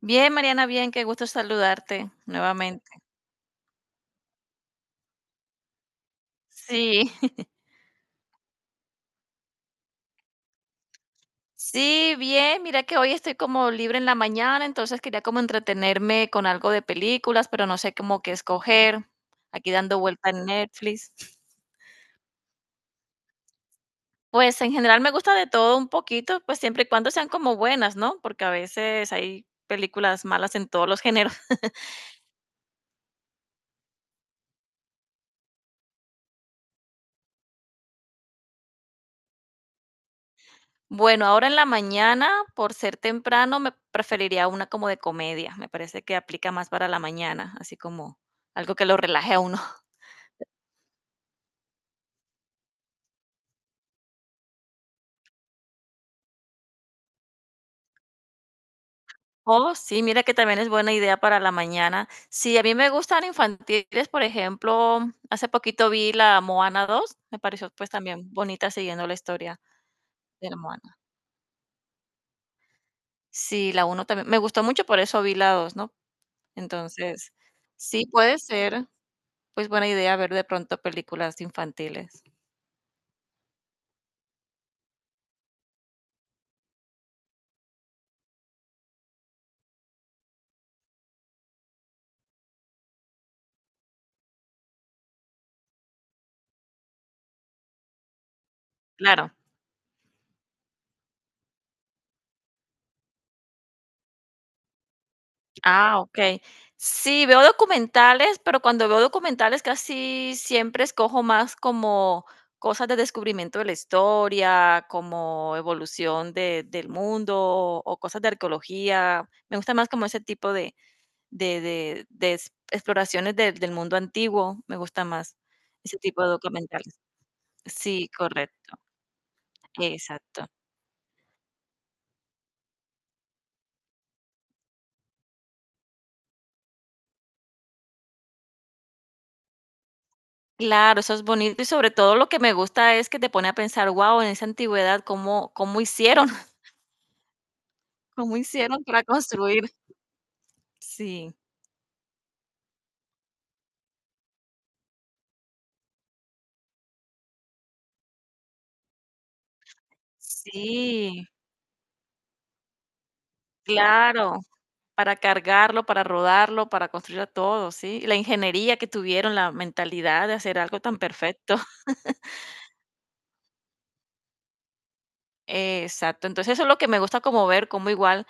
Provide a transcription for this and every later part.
Bien, Mariana, bien, qué gusto saludarte nuevamente. Sí, sí, bien, mira que hoy estoy como libre en la mañana, entonces quería como entretenerme con algo de películas, pero no sé cómo qué escoger, aquí dando vuelta en Netflix. Pues en general me gusta de todo un poquito, pues siempre y cuando sean como buenas, ¿no? Porque a veces hay películas malas en todos los géneros. Bueno, ahora en la mañana, por ser temprano, me preferiría una como de comedia. Me parece que aplica más para la mañana, así como algo que lo relaje a uno. Oh, sí, mira que también es buena idea para la mañana. Sí, a mí me gustan infantiles, por ejemplo, hace poquito vi la Moana dos, me pareció pues también bonita siguiendo la historia de la Moana. Sí, la uno también, me gustó mucho, por eso vi la 2, ¿no? Entonces, sí puede ser pues buena idea ver de pronto películas infantiles. Claro. Ah, okey. Sí, veo documentales, pero cuando veo documentales casi siempre escojo más como cosas de descubrimiento de la historia, como evolución de del mundo o cosas de arqueología. Me gusta más como ese tipo de ex exploraciones del mundo antiguo, me gusta más ese tipo de documentales. Sí, correcto, exacto. Claro, eso es bonito y sobre todo lo que me gusta es que te pone a pensar, guau, en esa antigüedad, ¿cómo hicieron? ¿Cómo hicieron para construir? Sí, sí, claro, para cargarlo, para rodarlo, para construirlo todo, sí. La ingeniería que tuvieron, la mentalidad de hacer algo tan perfecto. Exacto. Entonces, eso es lo que me gusta como ver, como igual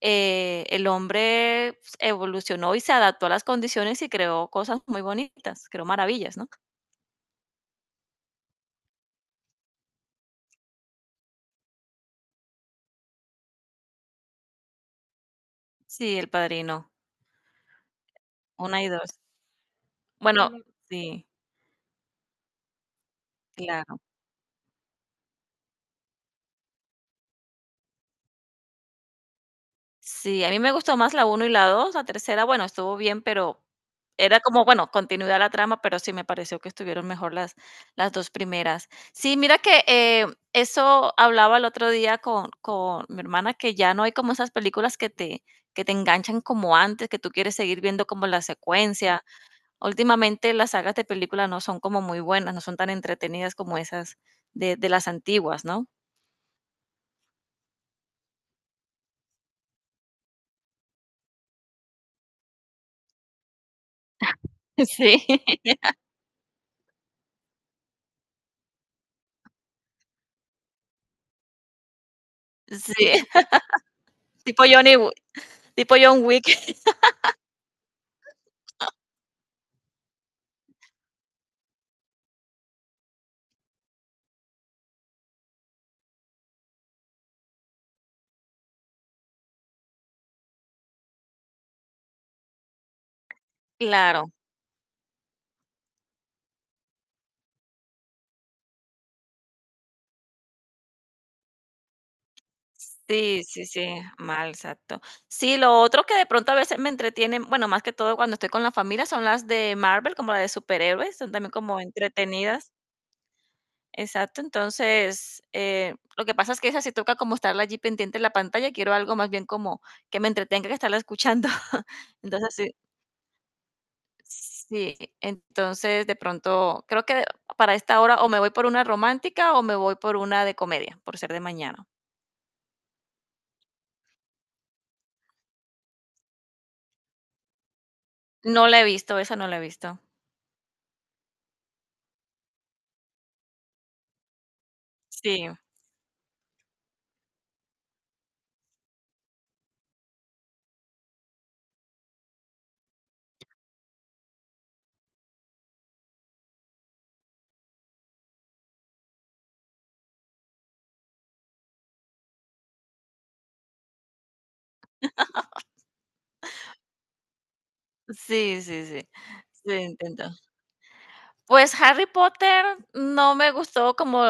el hombre pues, evolucionó y se adaptó a las condiciones y creó cosas muy bonitas, creó maravillas, ¿no? Sí, El Padrino, 1 y 2. Bueno. Sí, claro. Sí, a mí me gustó más la uno y la 2, la tercera, bueno, estuvo bien, pero era como, bueno, continuidad la trama, pero sí me pareció que estuvieron mejor las 2 primeras. Sí, mira que, eso hablaba el otro día con mi hermana, que ya no hay como esas películas que te enganchan como antes, que tú quieres seguir viendo como la secuencia. Últimamente las sagas de películas no son como muy buenas, no son tan entretenidas como esas de las antiguas, ¿no? Sí, sí, tipo Johnny Wi tipo John Wick. Claro, sí, sí, sí, mal, exacto. Sí, lo otro que de pronto a veces me entretienen, bueno, más que todo cuando estoy con la familia, son las de Marvel, como las de superhéroes, son también como entretenidas. Exacto, entonces, lo que pasa es que esa sí toca como estarla allí pendiente en la pantalla, quiero algo más bien como que me entretenga que estarla escuchando. Entonces, sí, sí, entonces de pronto creo que para esta hora o me voy por una romántica o me voy por una de comedia, por ser de mañana. No la he visto, esa no la he visto. Sí, sí, sí, sí, sí, intento. Pues, Harry Potter no me gustó como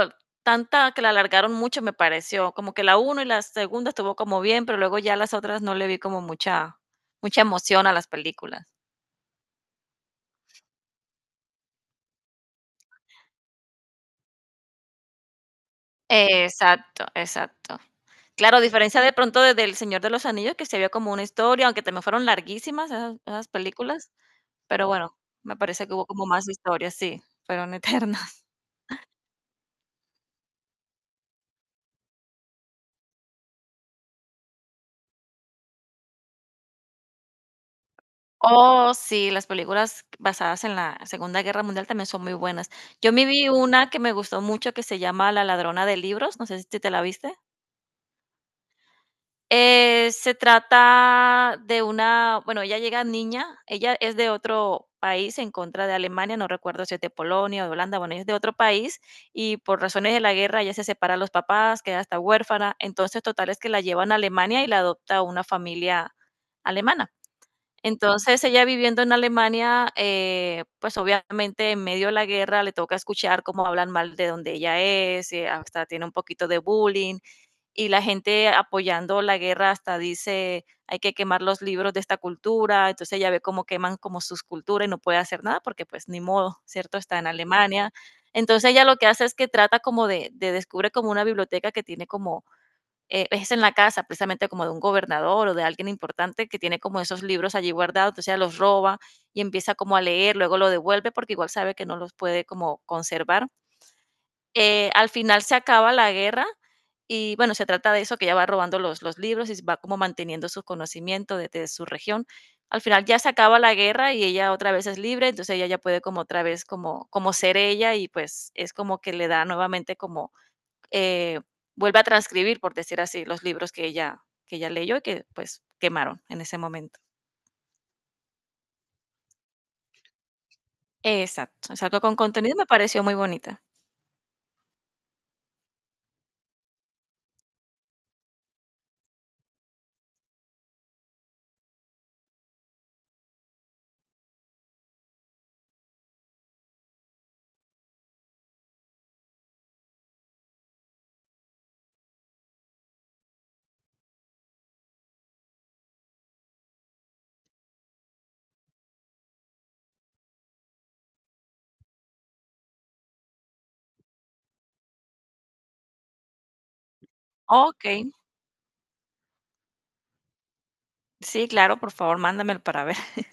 tanta que la alargaron mucho, me pareció, como que la uno y la segunda estuvo como bien, pero luego ya las otras no le vi como mucha mucha emoción a las películas. Exacto, exacto. Claro, a diferencia de pronto de del Señor de los Anillos, que se vio como una historia, aunque también fueron larguísimas esas películas, pero bueno, me parece que hubo como más historia, sí, fueron eternas. Oh, sí, las películas basadas en la Segunda Guerra Mundial también son muy buenas. Yo me vi una que me gustó mucho que se llama La ladrona de libros, no sé si te la viste. Se trata de una, bueno, ella llega niña, ella es de otro país en contra de Alemania, no recuerdo si es de Polonia o de Holanda, bueno, ella es de otro país y por razones de la guerra ella se separa de los papás, queda hasta huérfana, entonces total es que la llevan a Alemania y la adopta una familia alemana. Entonces, ella viviendo en Alemania, pues, obviamente, en medio de la guerra le toca escuchar cómo hablan mal de donde ella es, hasta tiene un poquito de bullying, y la gente apoyando la guerra hasta dice: "Hay que quemar los libros de esta cultura". Entonces, ella ve cómo queman como sus culturas y no puede hacer nada porque, pues, ni modo, ¿cierto? Está en Alemania. Entonces, ella lo que hace es que trata como de descubre como una biblioteca que tiene como es en la casa, precisamente como de un gobernador o de alguien importante que tiene como esos libros allí guardados, entonces ella los roba y empieza como a leer, luego lo devuelve porque igual sabe que no los puede como conservar. Al final se acaba la guerra y bueno, se trata de eso, que ella va robando los libros y va como manteniendo sus conocimientos de su región. Al final ya se acaba la guerra y ella otra vez es libre, entonces ella ya puede como otra vez como, como ser ella y pues es como que le da nuevamente como eh, vuelve a transcribir, por decir así, los libros que ella leyó y que, pues, quemaron en ese momento. Exacto, exacto, con contenido me pareció muy bonita. Okey, sí, claro, por favor, mándamelo para ver.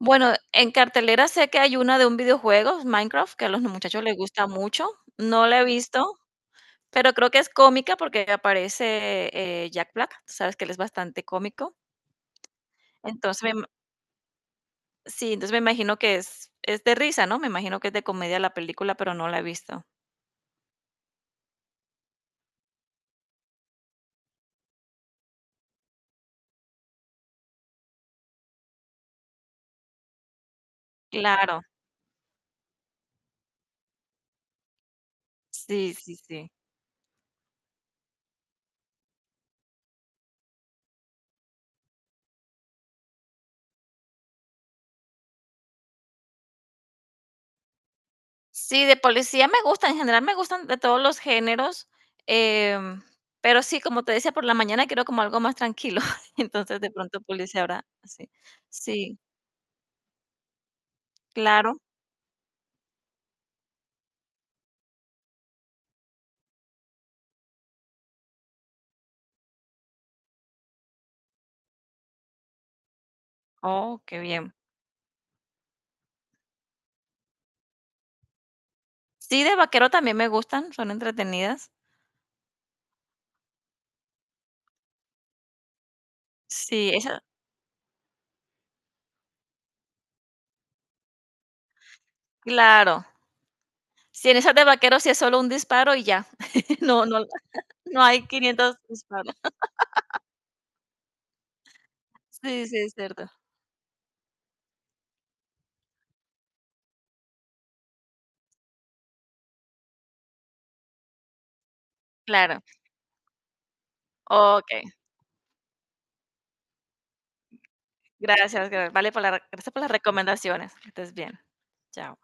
Bueno, en cartelera sé que hay una de un videojuego, Minecraft, que a los muchachos les gusta mucho. No la he visto, pero creo que es cómica porque aparece, Jack Black, tú sabes que él es bastante cómico. Entonces, me ima sí, entonces me imagino que es de risa, ¿no? Me imagino que es de comedia la película, pero no la he visto. Claro. Sí, sí, sí. Sí, de policía me gusta, en general me gustan de todos los géneros, em, pero sí, como te decía, por la mañana quiero como algo más tranquilo, entonces de pronto policía ahora, sí. Sí, claro. Oh, qué bien. Sí, de vaquero también me gustan, son entretenidas. Sí, esa Claro. Sí, en esas de vaquero sí es solo un disparo y ya. No no no hay 500 disparos. Sí, sí, es cierto. Claro, okey. Gracias, gracias por las recomendaciones. Que estés bien. Chao.